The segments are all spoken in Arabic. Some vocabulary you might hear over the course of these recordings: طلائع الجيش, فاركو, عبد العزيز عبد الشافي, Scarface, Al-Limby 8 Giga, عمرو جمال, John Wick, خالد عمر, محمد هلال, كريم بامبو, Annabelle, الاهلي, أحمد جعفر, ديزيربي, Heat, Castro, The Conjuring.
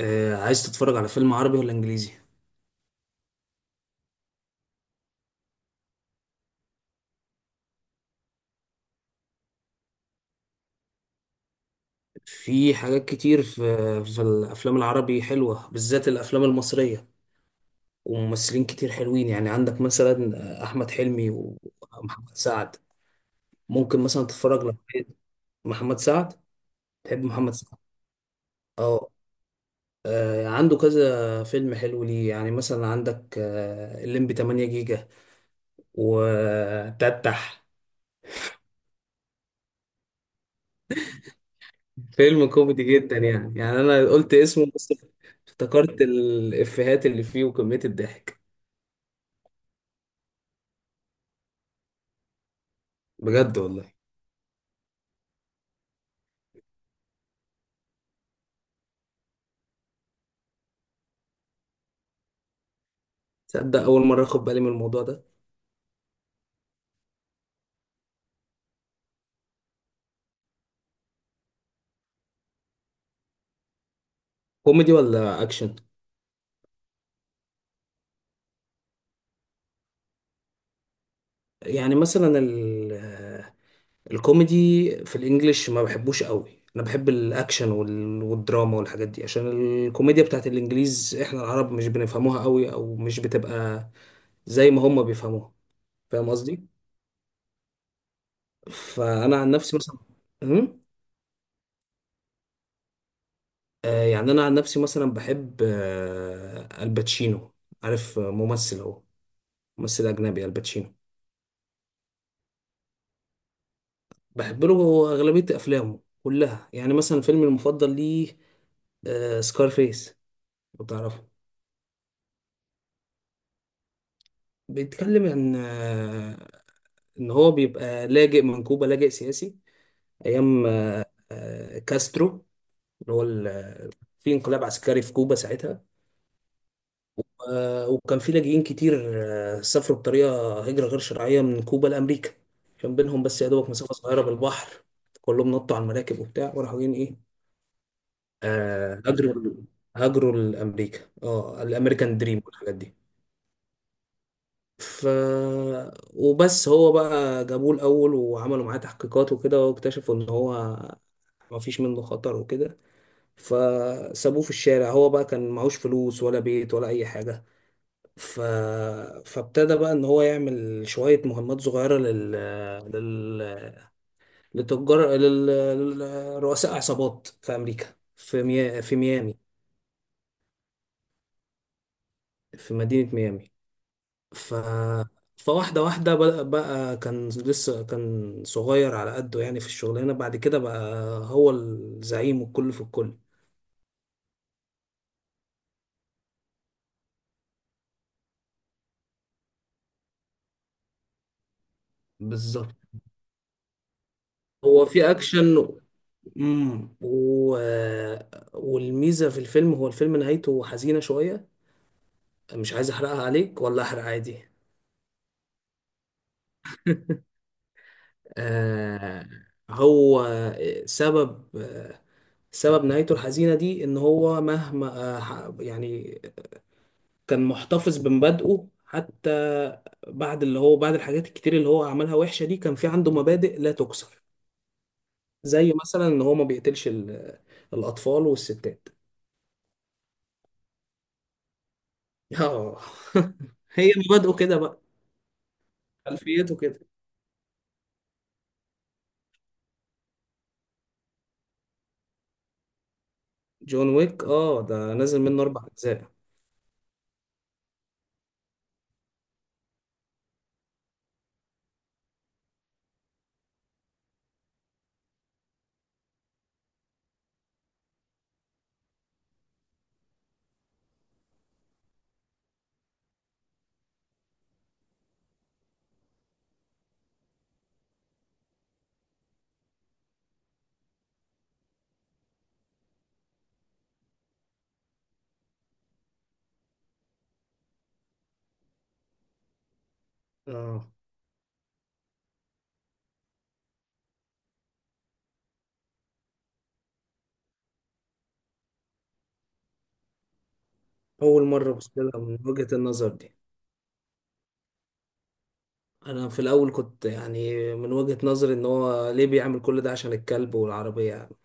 عايز تتفرج على فيلم عربي ولا انجليزي؟ في حاجات كتير في الافلام العربي حلوه، بالذات الافلام المصريه، وممثلين كتير حلوين. يعني عندك مثلا احمد حلمي ومحمد سعد. ممكن مثلا تتفرج محمد سعد. تحب محمد سعد؟ اه، عنده كذا فيلم حلو ليه. يعني مثلا عندك الليمبي 8 جيجا، وتتح فيلم كوميدي جدا. يعني انا قلت اسمه بس افتكرت الافيهات اللي فيه وكمية الضحك. بجد والله، تصدق اول مرة اخد بالي من الموضوع ده. كوميدي ولا اكشن؟ يعني مثلا الكوميدي في الانجليش ما بحبوش قوي، انا بحب الاكشن والدراما والحاجات دي، عشان الكوميديا بتاعت الانجليز احنا العرب مش بنفهموها قوي، او مش بتبقى زي ما هم بيفهموها. فاهم قصدي؟ فانا عن نفسي مثلا، يعني انا عن نفسي مثلا بحب الباتشينو. عارف ممثل هو، ممثل اجنبي الباتشينو. بحب له اغلبيه افلامه كلها، يعني مثلا فيلمي المفضل ليه سكارفيس لو تعرفه. بيتكلم عن ان هو بيبقى لاجئ من كوبا، لاجئ سياسي ايام كاسترو. اللي هو في انقلاب عسكري في كوبا ساعتها. وكان في لاجئين كتير سافروا بطريقة هجرة غير شرعية من كوبا لأمريكا. كان بينهم بس يا دوبك مسافة صغيرة بالبحر، كلهم نطوا على المراكب وبتاع وراحوا جايين إيه، هاجروا، هاجروا لأمريكا. اه، الأمريكان دريم والحاجات دي. ف وبس هو بقى جابوه الأول وعملوا معاه تحقيقات وكده، واكتشفوا إن هو ما فيش منه خطر وكده، فسابوه في الشارع. هو بقى كان معهوش فلوس ولا بيت ولا أي حاجة، ف... فابتدى بقى ان هو يعمل شوية مهمات صغيرة لل... لتجار، لرؤساء عصابات في امريكا، في ميامي، في مدينة ميامي. ف... فواحدة واحدة بدأ بقى، كان لسه كان صغير على قده يعني في الشغلانة، بعد كده بقى هو الزعيم والكل في الكل. بالظبط. هو في اكشن امم و... والميزة في الفيلم هو الفيلم نهايته حزينة شوية. مش عايز احرقها عليك، ولا احرق عادي؟ آه. هو سبب سبب نهايته الحزينة دي ان هو مهما يعني كان محتفظ بمبادئه حتى بعد اللي هو بعد الحاجات الكتير اللي هو عملها وحشة دي، كان في عنده مبادئ لا تكسر. زي مثلا ان هو ما بيقتلش الاطفال والستات. اه هي مبادئه كده بقى، خلفيته كده. جون ويك، اه ده نازل منه اربع اجزاء. اه، أول مرة أبص لها من وجهة النظر دي. أنا في الأول كنت يعني من وجهة نظري إن هو ليه بيعمل كل ده عشان الكلب والعربية يعني.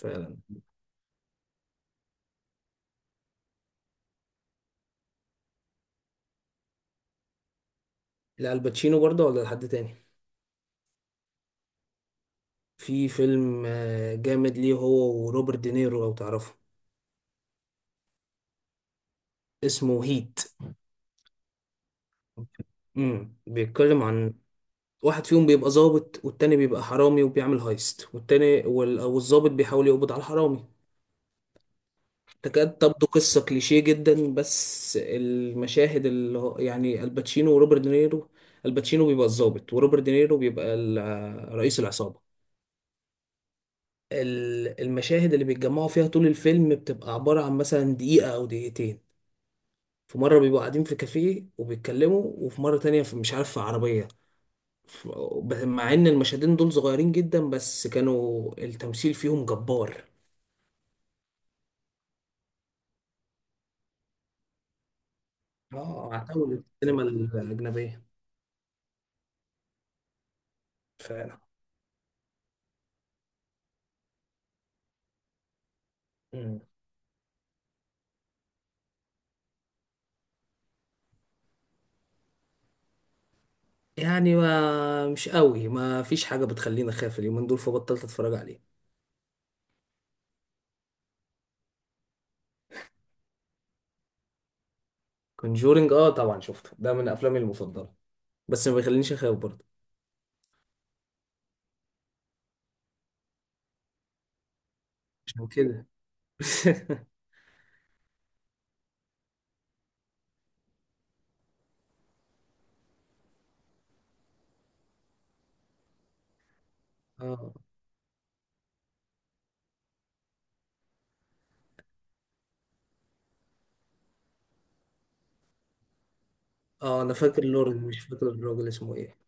فعلا. الباتشينو برضه ولا لحد تاني. في فيلم جامد ليه هو وروبرت دينيرو لو تعرفه. اسمه هيت. بيتكلم عن واحد فيهم بيبقى ظابط والتاني بيبقى حرامي وبيعمل هايست، والتاني والظابط بيحاول يقبض على الحرامي. تكاد تبدو قصة كليشيه جدا، بس المشاهد اللي هو يعني الباتشينو وروبرت دينيرو، الباتشينو بيبقى الضابط وروبرت دينيرو بيبقى رئيس العصابة. المشاهد اللي بيتجمعوا فيها طول الفيلم بتبقى عبارة عن مثلا دقيقة أو دقيقتين. في مرة بيبقوا قاعدين في كافيه وبيتكلموا، وفي مرة تانية في مش عارف في عربية. ف- مع إن المشهدين دول صغيرين جدا، بس كانوا التمثيل فيهم جبار. اه، عتاولة السينما الأجنبية. فعلا. مم. يعني ما مش قوي، ما فيش حاجة بتخليني أخاف اليومين دول، فبطلت أتفرج عليه. كونجورينج طبعا شفته، ده من أفلامي المفضلة، بس ما بيخلينيش أخاف برضه. عشان كده آه آه أنا فاكر لورن، مش فاكر الراجل اسمه إيه.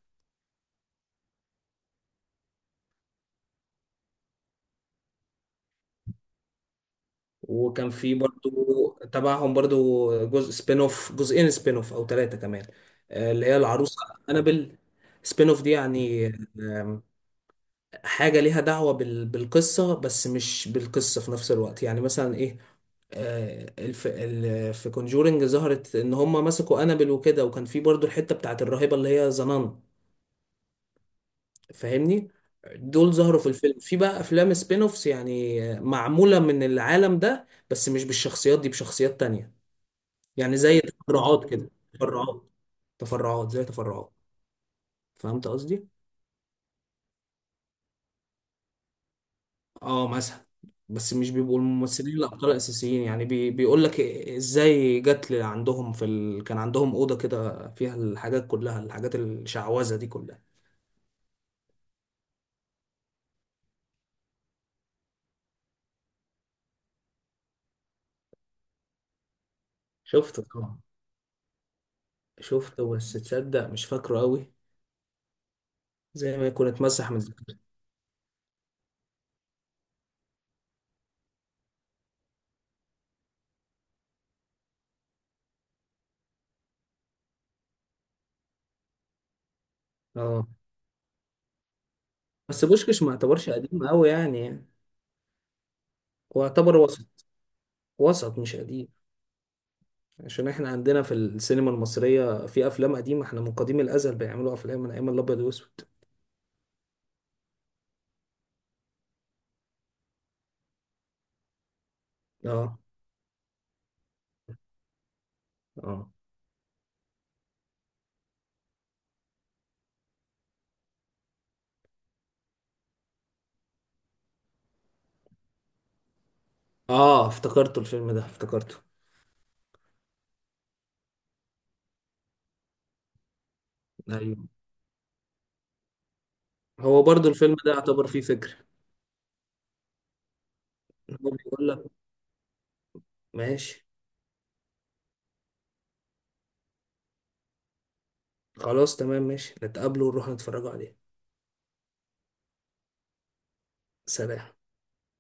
وكان في برضه تبعهم برضه جزء سبين أوف، جزئين سبين أوف أو ثلاثة كمان. اللي هي العروسة أنابل. سبين أوف دي يعني حاجة ليها دعوة بالقصة بس مش بالقصة في نفس الوقت. يعني مثلا ايه، في كونجورنج ظهرت ان هم مسكوا انابل وكده، وكان في برضو الحتة بتاعت الراهبة اللي هي زنان. فاهمني؟ دول ظهروا في الفيلم. في بقى افلام سبين اوفس، يعني معمولة من العالم ده بس مش بالشخصيات دي، بشخصيات تانية. يعني زي تفرعات كده، تفرعات. تفرعات، زي تفرعات. فهمت قصدي؟ اه مثلا. بس مش بيبقوا الممثلين الابطال الاساسيين، يعني بيقول لك ازاي جت عندهم كان عندهم اوضه كده فيها الحاجات كلها، الحاجات الشعوذه دي كلها. شفته طبعا، شفته، بس تصدق مش فاكره قوي، زي ما يكون اتمسح من ذاكرتي. اه، بس بوشكش ما يعتبرش قديم قوي يعني. هو يعتبر وسط، وسط مش قديم. عشان احنا عندنا في السينما المصريه في افلام قديمه، احنا من قديم الازل بيعملوا افلام من ايام الابيض واسود. اه. اه، اه افتكرته، الفيلم ده افتكرته. ايوه، هو برضو الفيلم ده يعتبر فيه فكرة. هو بيقول لك ماشي. خلاص تمام ماشي، نتقابله ونروح نتفرجوا عليه. سلام.